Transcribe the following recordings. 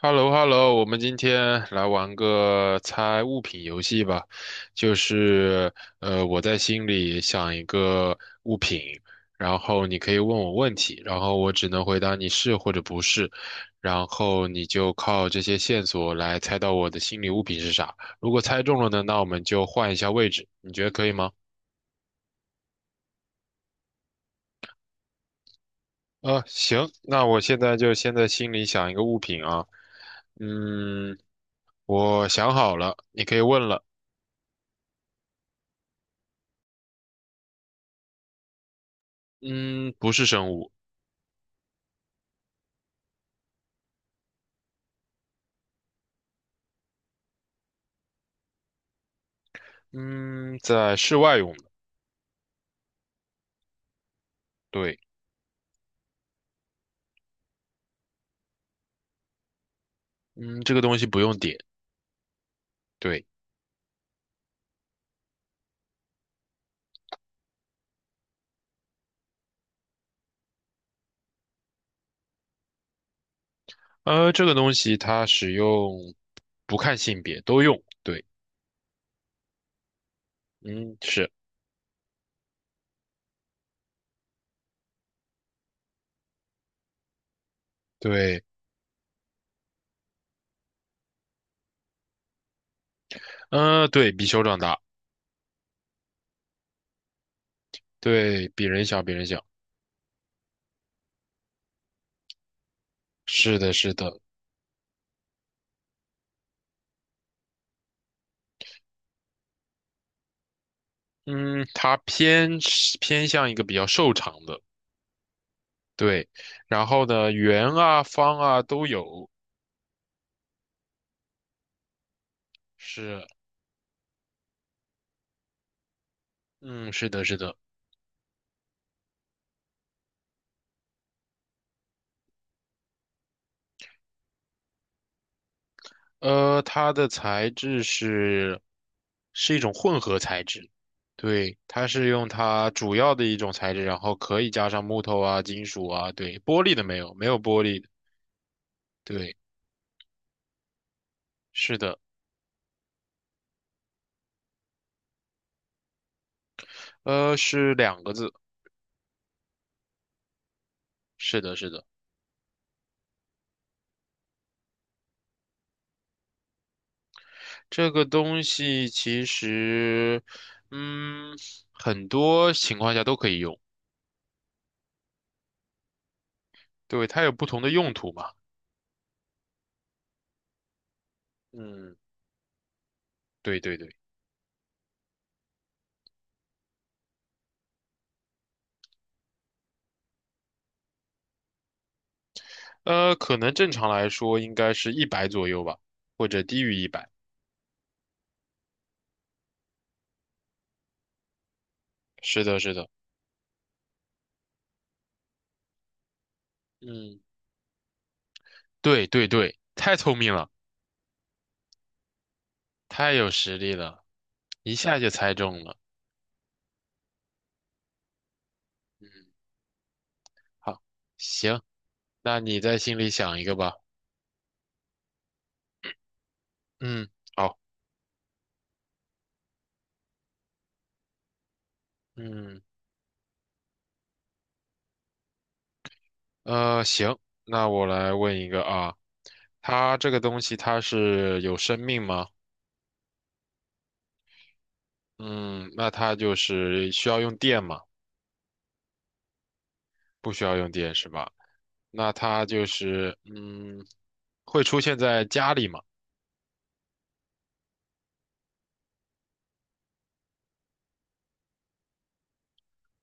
h e l l o h e l l o 我们今天来玩个猜物品游戏吧。就是我在心里想一个物品，然后你可以问我问题，然后我只能回答你是或者不是，然后你就靠这些线索来猜到我的心理物品是啥。如果猜中了呢，那我们就换一下位置，你觉得可以吗？行，那我现在就先在心里想一个物品啊。嗯，我想好了，你可以问了。嗯，不是生物。嗯，在室外用的，对，嗯，这个东西不用点，对，这个东西它使用不看性别都用，对，嗯，是，对，对，比手掌大，对，比人小，比人小，是的，是的，嗯，它偏是偏向一个比较瘦长的，对，然后呢，圆啊、方啊都有，是，嗯，是的，是的，它的材质是是一种混合材质，对，它是用它主要的一种材质，然后可以加上木头啊、金属啊，对，玻璃的没有，没有玻璃的，对，是的，是两个字，是的，是的，这个东西其实，嗯，很多情况下都可以用，对，它有不同的用途嘛，嗯，对对对，可能正常来说应该是一百左右吧，或者低于一百。是的，是的，嗯，对对对，太聪明了，太有实力了，一下就猜中了。嗯，好，行，那你在心里想一个吧。嗯，好，嗯，行，那我来问一个啊，它这个东西它是有生命吗？嗯，那它就是需要用电吗？不需要用电是吧？那它就是会出现在家里吗？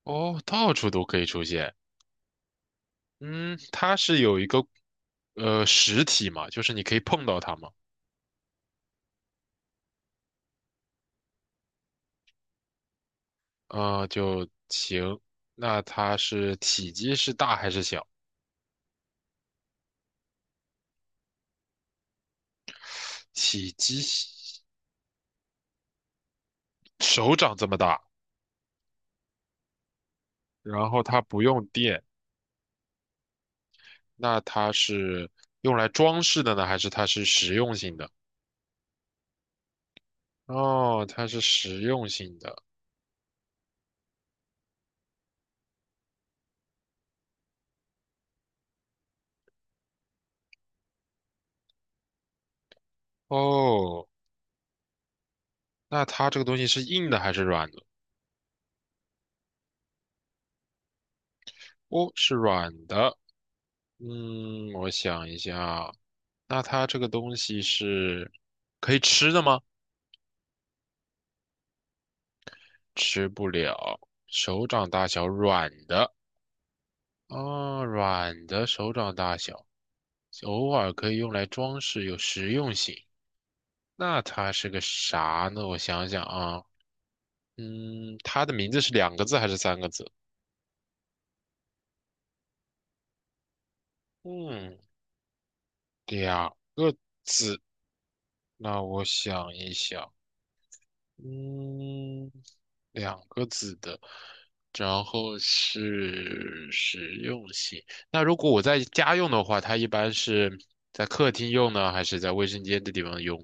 哦，到处都可以出现。嗯，它是有一个实体嘛，就是你可以碰到它嘛，啊、就行。那它是体积是大还是小？体积手掌这么大，然后它不用电，那它是用来装饰的呢，还是它是实用性的？哦，它是实用性的。哦，那它这个东西是硬的还是软的？哦，是软的。嗯，我想一下啊，那它这个东西是可以吃的吗？吃不了，手掌大小，软的啊，软的手掌大小，偶尔可以用来装饰，有实用性。那它是个啥呢？我想想啊，嗯，它的名字是两个字还是三个字？嗯，两个字。那我想一想。嗯，两个字的，然后是实用性。那如果我在家用的话，它一般是在客厅用呢，还是在卫生间的地方用？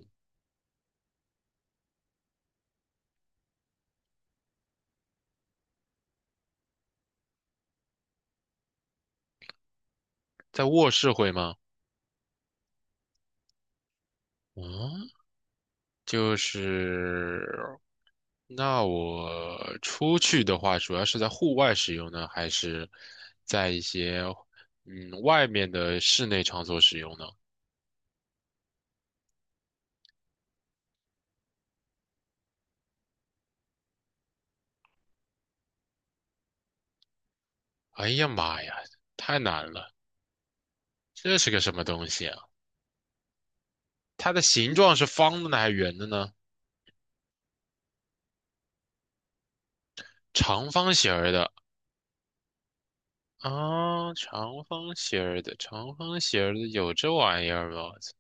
在卧室会吗？嗯，就是，那我出去的话，主要是在户外使用呢，还是在一些外面的室内场所使用呢？哎呀妈呀，太难了，这是个什么东西啊？它的形状是方的呢还是圆的呢？长方形儿的啊，长方形儿的，长方形儿的有这玩意儿吗？我操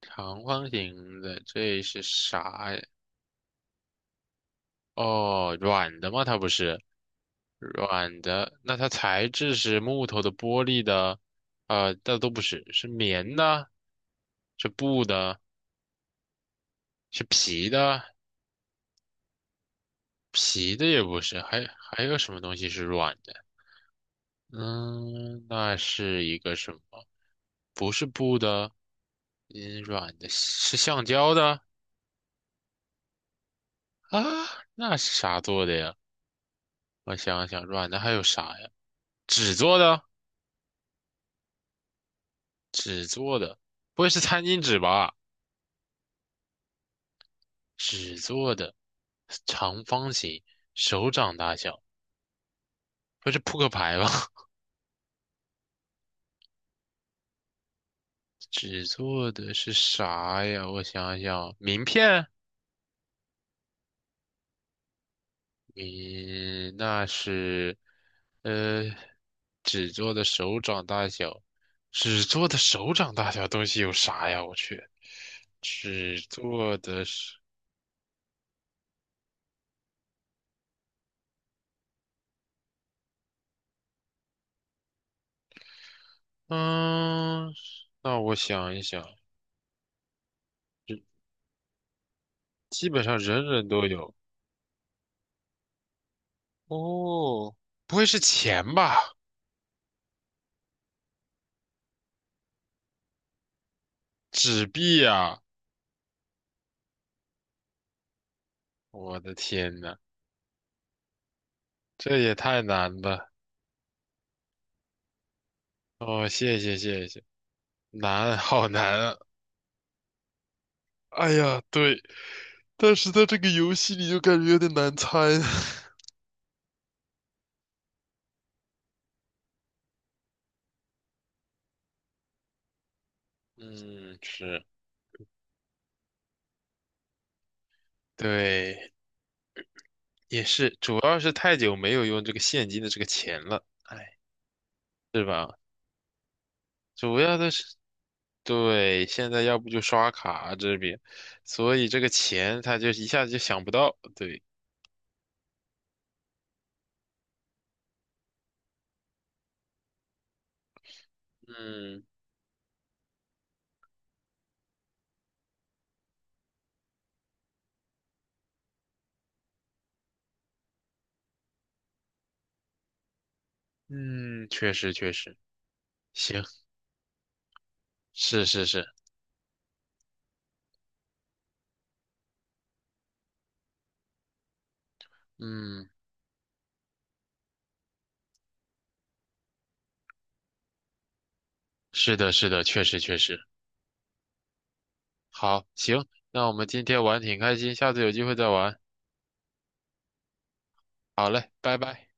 长方形的，这是啥呀？哦，软的吗？它不是软的，那它材质是木头的、玻璃的，那都不是，是棉的，是布的，是皮的，皮的也不是，还有什么东西是软的？嗯，那是一个什么？不是布的，嗯，软的，是橡胶的啊？那是啥做的呀？我想想，软的还有啥呀？纸做的，纸做的，不会是餐巾纸吧？纸做的，长方形，手掌大小，不会是扑克牌吧？纸做的是啥呀？我想想，名片。你那是，呃，纸做的手掌大小，纸做的手掌大小东西有啥呀？我去，纸做的是，嗯，那我想一想，基本上人人都有。哦，不会是钱吧？纸币呀！我的天呐，这也太难了。哦，谢谢谢谢，难，好难啊！哎呀，对。但是在这个游戏里就感觉有点难猜。嗯，是，对，也是，主要是太久没有用这个现金的这个钱了，哎，是吧？主要的是，对，现在要不就刷卡这边，所以这个钱他就一下子就想不到，对，嗯嗯，确实确实，行，是是是，嗯，是的是的，确实确实，好，行，那我们今天玩挺开心，下次有机会再玩，好嘞，拜拜。